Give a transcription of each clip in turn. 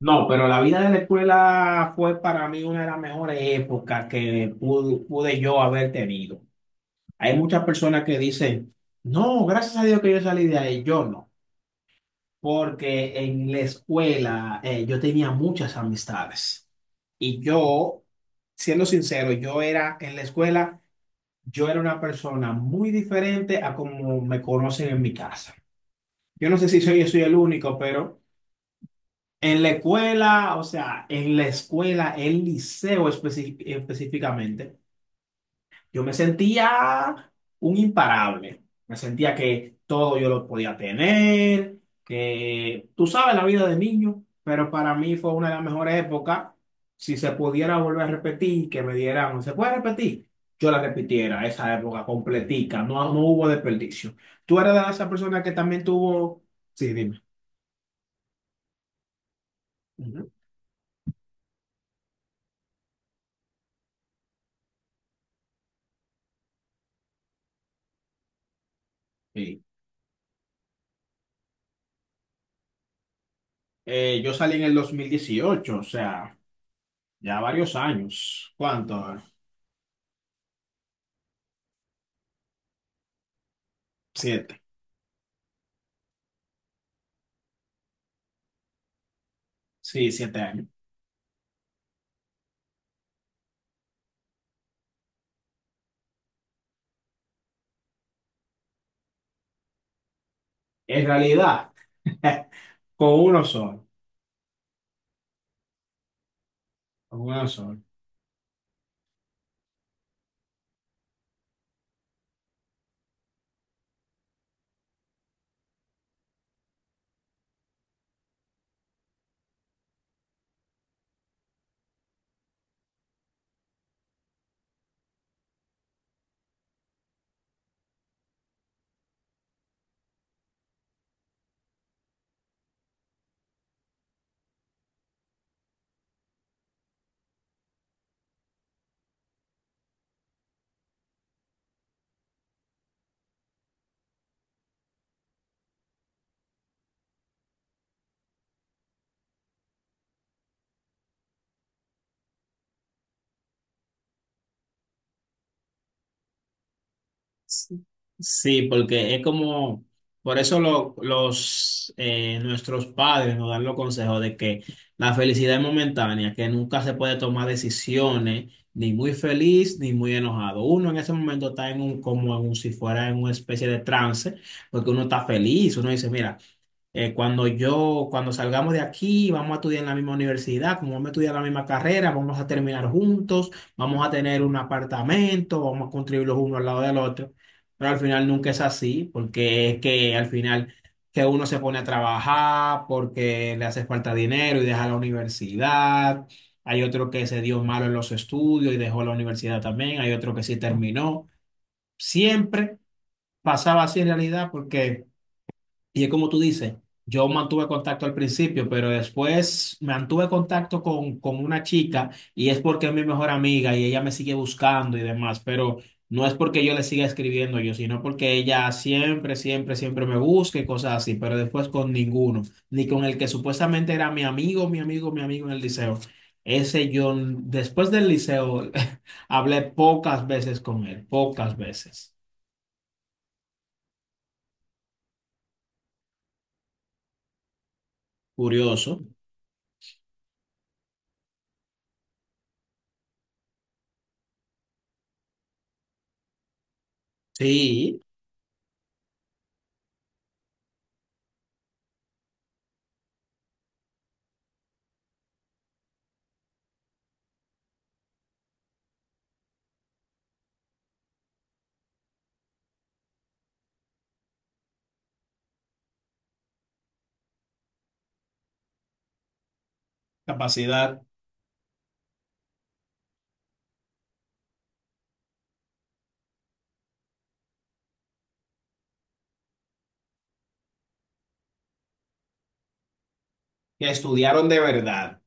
No, pero la vida de la escuela fue para mí una de las mejores épocas que pude yo haber tenido. Hay muchas personas que dicen, no, gracias a Dios que yo salí de ahí. Yo no, porque en la escuela yo tenía muchas amistades. Y yo, siendo sincero, yo era en la escuela, yo era una persona muy diferente a como me conocen en mi casa. Yo no sé si soy, yo soy el único, pero... En la escuela, o sea, en la escuela, el liceo específicamente, yo me sentía un imparable. Me sentía que todo yo lo podía tener, que tú sabes la vida de niño, pero para mí fue una de las mejores épocas. Si se pudiera volver a repetir, que me dieran, ¿se puede repetir? Yo la repitiera, esa época completica, no, no hubo desperdicio. ¿Tú eras de esa persona que también tuvo... Sí, dime. Ujú. Sí. Yo salí en el 2018, o sea, ya varios años. ¿Cuánto? Siete. Sí, 7 años. En realidad, con uno solo, con uno solo. Sí, sí, porque es como, por eso nuestros padres nos dan los consejos de que la felicidad es momentánea, que nunca se puede tomar decisiones ni muy feliz ni muy enojado. Uno en ese momento está en un, como en un- si fuera en una especie de trance, porque uno está feliz, uno dice, mira. Cuando salgamos de aquí, vamos a estudiar en la misma universidad, como vamos a estudiar la misma carrera, vamos a terminar juntos, vamos a tener un apartamento, vamos a construir los uno al lado del otro. Pero al final nunca es así, porque es que al final que uno se pone a trabajar porque le hace falta dinero y deja la universidad. Hay otro que se dio malo en los estudios y dejó la universidad también. Hay otro que sí terminó. Siempre pasaba así en realidad, porque y es como tú dices, yo mantuve contacto al principio, pero después mantuve contacto con una chica y es porque es mi mejor amiga y ella me sigue buscando y demás, pero no es porque yo le siga escribiendo yo, sino porque ella siempre, siempre, siempre me busca y cosas así, pero después con ninguno, ni con el que supuestamente era mi amigo, mi amigo, mi amigo en el liceo. Ese yo, después del liceo, hablé pocas veces con él, pocas veces. Curioso. Sí, capacidad. Que estudiaron de verdad.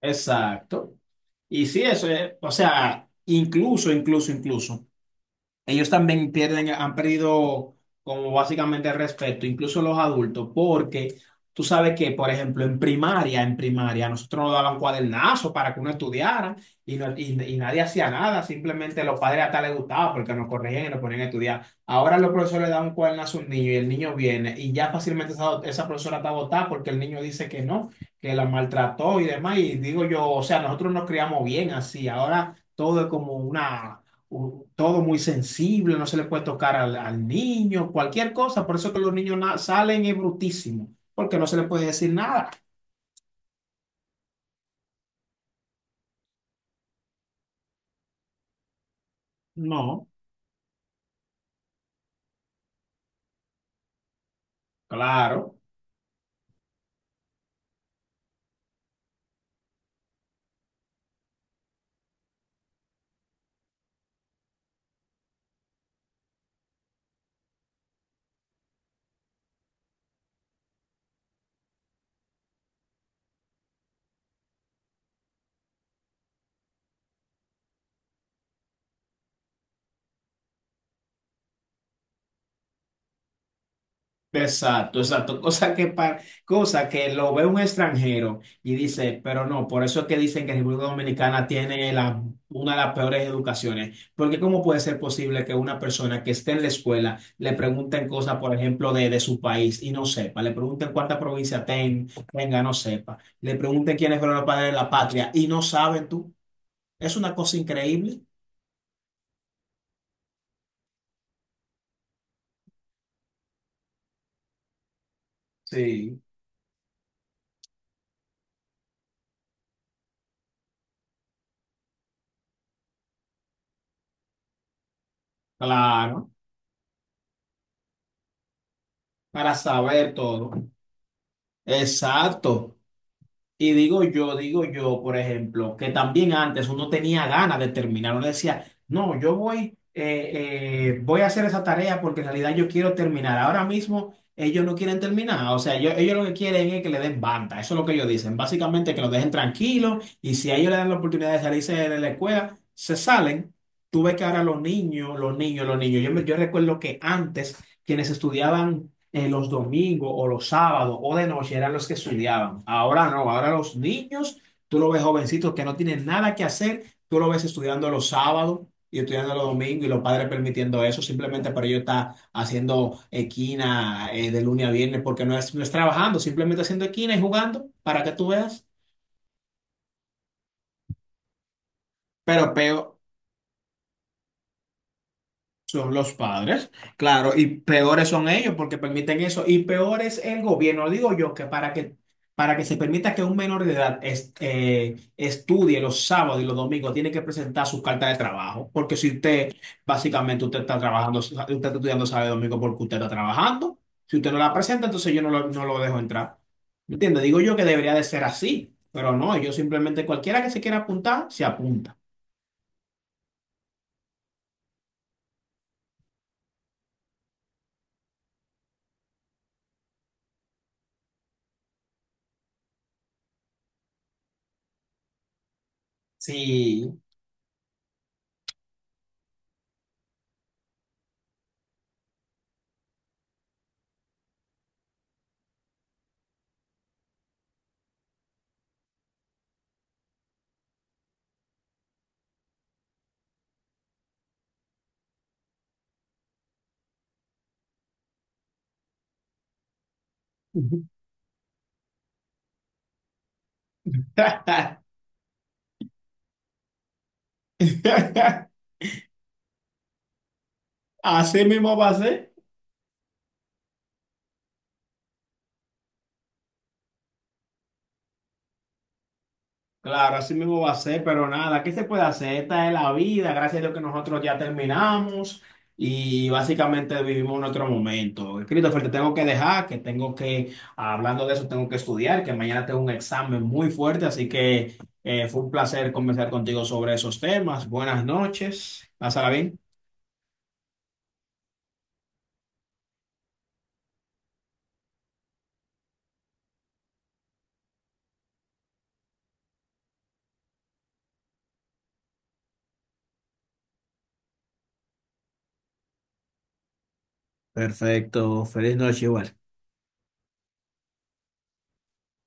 Exacto. Y sí, eso es, o sea, incluso, incluso, incluso. Ellos también pierden, han perdido como básicamente el respeto, incluso los adultos, porque tú sabes que, por ejemplo, en primaria, a nosotros nos daban cuadernazos para que uno estudiara y nadie hacía nada, simplemente los padres hasta les gustaba porque nos corregían y nos ponían a estudiar. Ahora los profesores le dan un cuadernazo a un niño y el niño viene y ya fácilmente esa profesora está botada porque el niño dice que no, que la maltrató y demás. Y digo yo, o sea, nosotros nos criamos bien así, ahora todo es como todo muy sensible, no se le puede tocar al niño, cualquier cosa. Por eso que los niños salen es brutísimo, porque no se le puede decir nada. No, claro. Exacto, exacto. Cosa que lo ve un extranjero y dice, pero no, por eso es que dicen que República Dominicana tiene una de las peores educaciones. Porque ¿cómo puede ser posible que una persona que esté en la escuela le pregunten cosas, por ejemplo, de su país y no sepa? Le pregunten cuánta provincia tenga, no sepa. Le pregunten quiénes fueron los padres de la patria y no saben tú. Es una cosa increíble. Sí. Claro, para saber todo. Exacto. Y digo yo, por ejemplo, que también antes uno tenía ganas de terminar, uno decía, no, voy a hacer esa tarea porque en realidad yo quiero terminar. Ahora mismo ellos no quieren terminar, o sea, ellos lo que quieren es que le den banda, eso es lo que ellos dicen, básicamente que los dejen tranquilos y si a ellos le dan la oportunidad de salirse de la escuela, se salen. Tú ves que ahora los niños, los niños, los niños, yo recuerdo que antes quienes estudiaban los domingos o los sábados o de noche eran los que estudiaban. Ahora no, ahora los niños, tú los ves jovencitos que no tienen nada que hacer, tú los ves estudiando los sábados y estudiando los domingos y los padres permitiendo eso simplemente para ellos estar haciendo equina, de lunes a viernes porque no es, no es trabajando, simplemente haciendo equina y jugando para que tú veas. Pero peor, son los padres, claro, y peores son ellos porque permiten eso, y peor es el gobierno. Digo yo que para que se permita que un menor de edad estudie los sábados y los domingos, tiene que presentar su carta de trabajo, porque si usted, básicamente, usted está trabajando, usted está estudiando sábado y domingo porque usted está trabajando, si usted no la presenta, entonces yo no lo dejo entrar. ¿Me entiende? Digo yo que debería de ser así, pero no, yo simplemente cualquiera que se quiera apuntar, se apunta. Sí. Así mismo va a ser, claro, así mismo va a ser, pero nada, ¿qué se puede hacer? Esta es la vida, gracias a Dios que nosotros ya terminamos y básicamente vivimos nuestro momento. Christopher, te tengo que dejar, que tengo que, hablando de eso, tengo que estudiar, que mañana tengo un examen muy fuerte, así que fue un placer conversar contigo sobre esos temas. Buenas noches, pásala bien. Perfecto, feliz noche igual.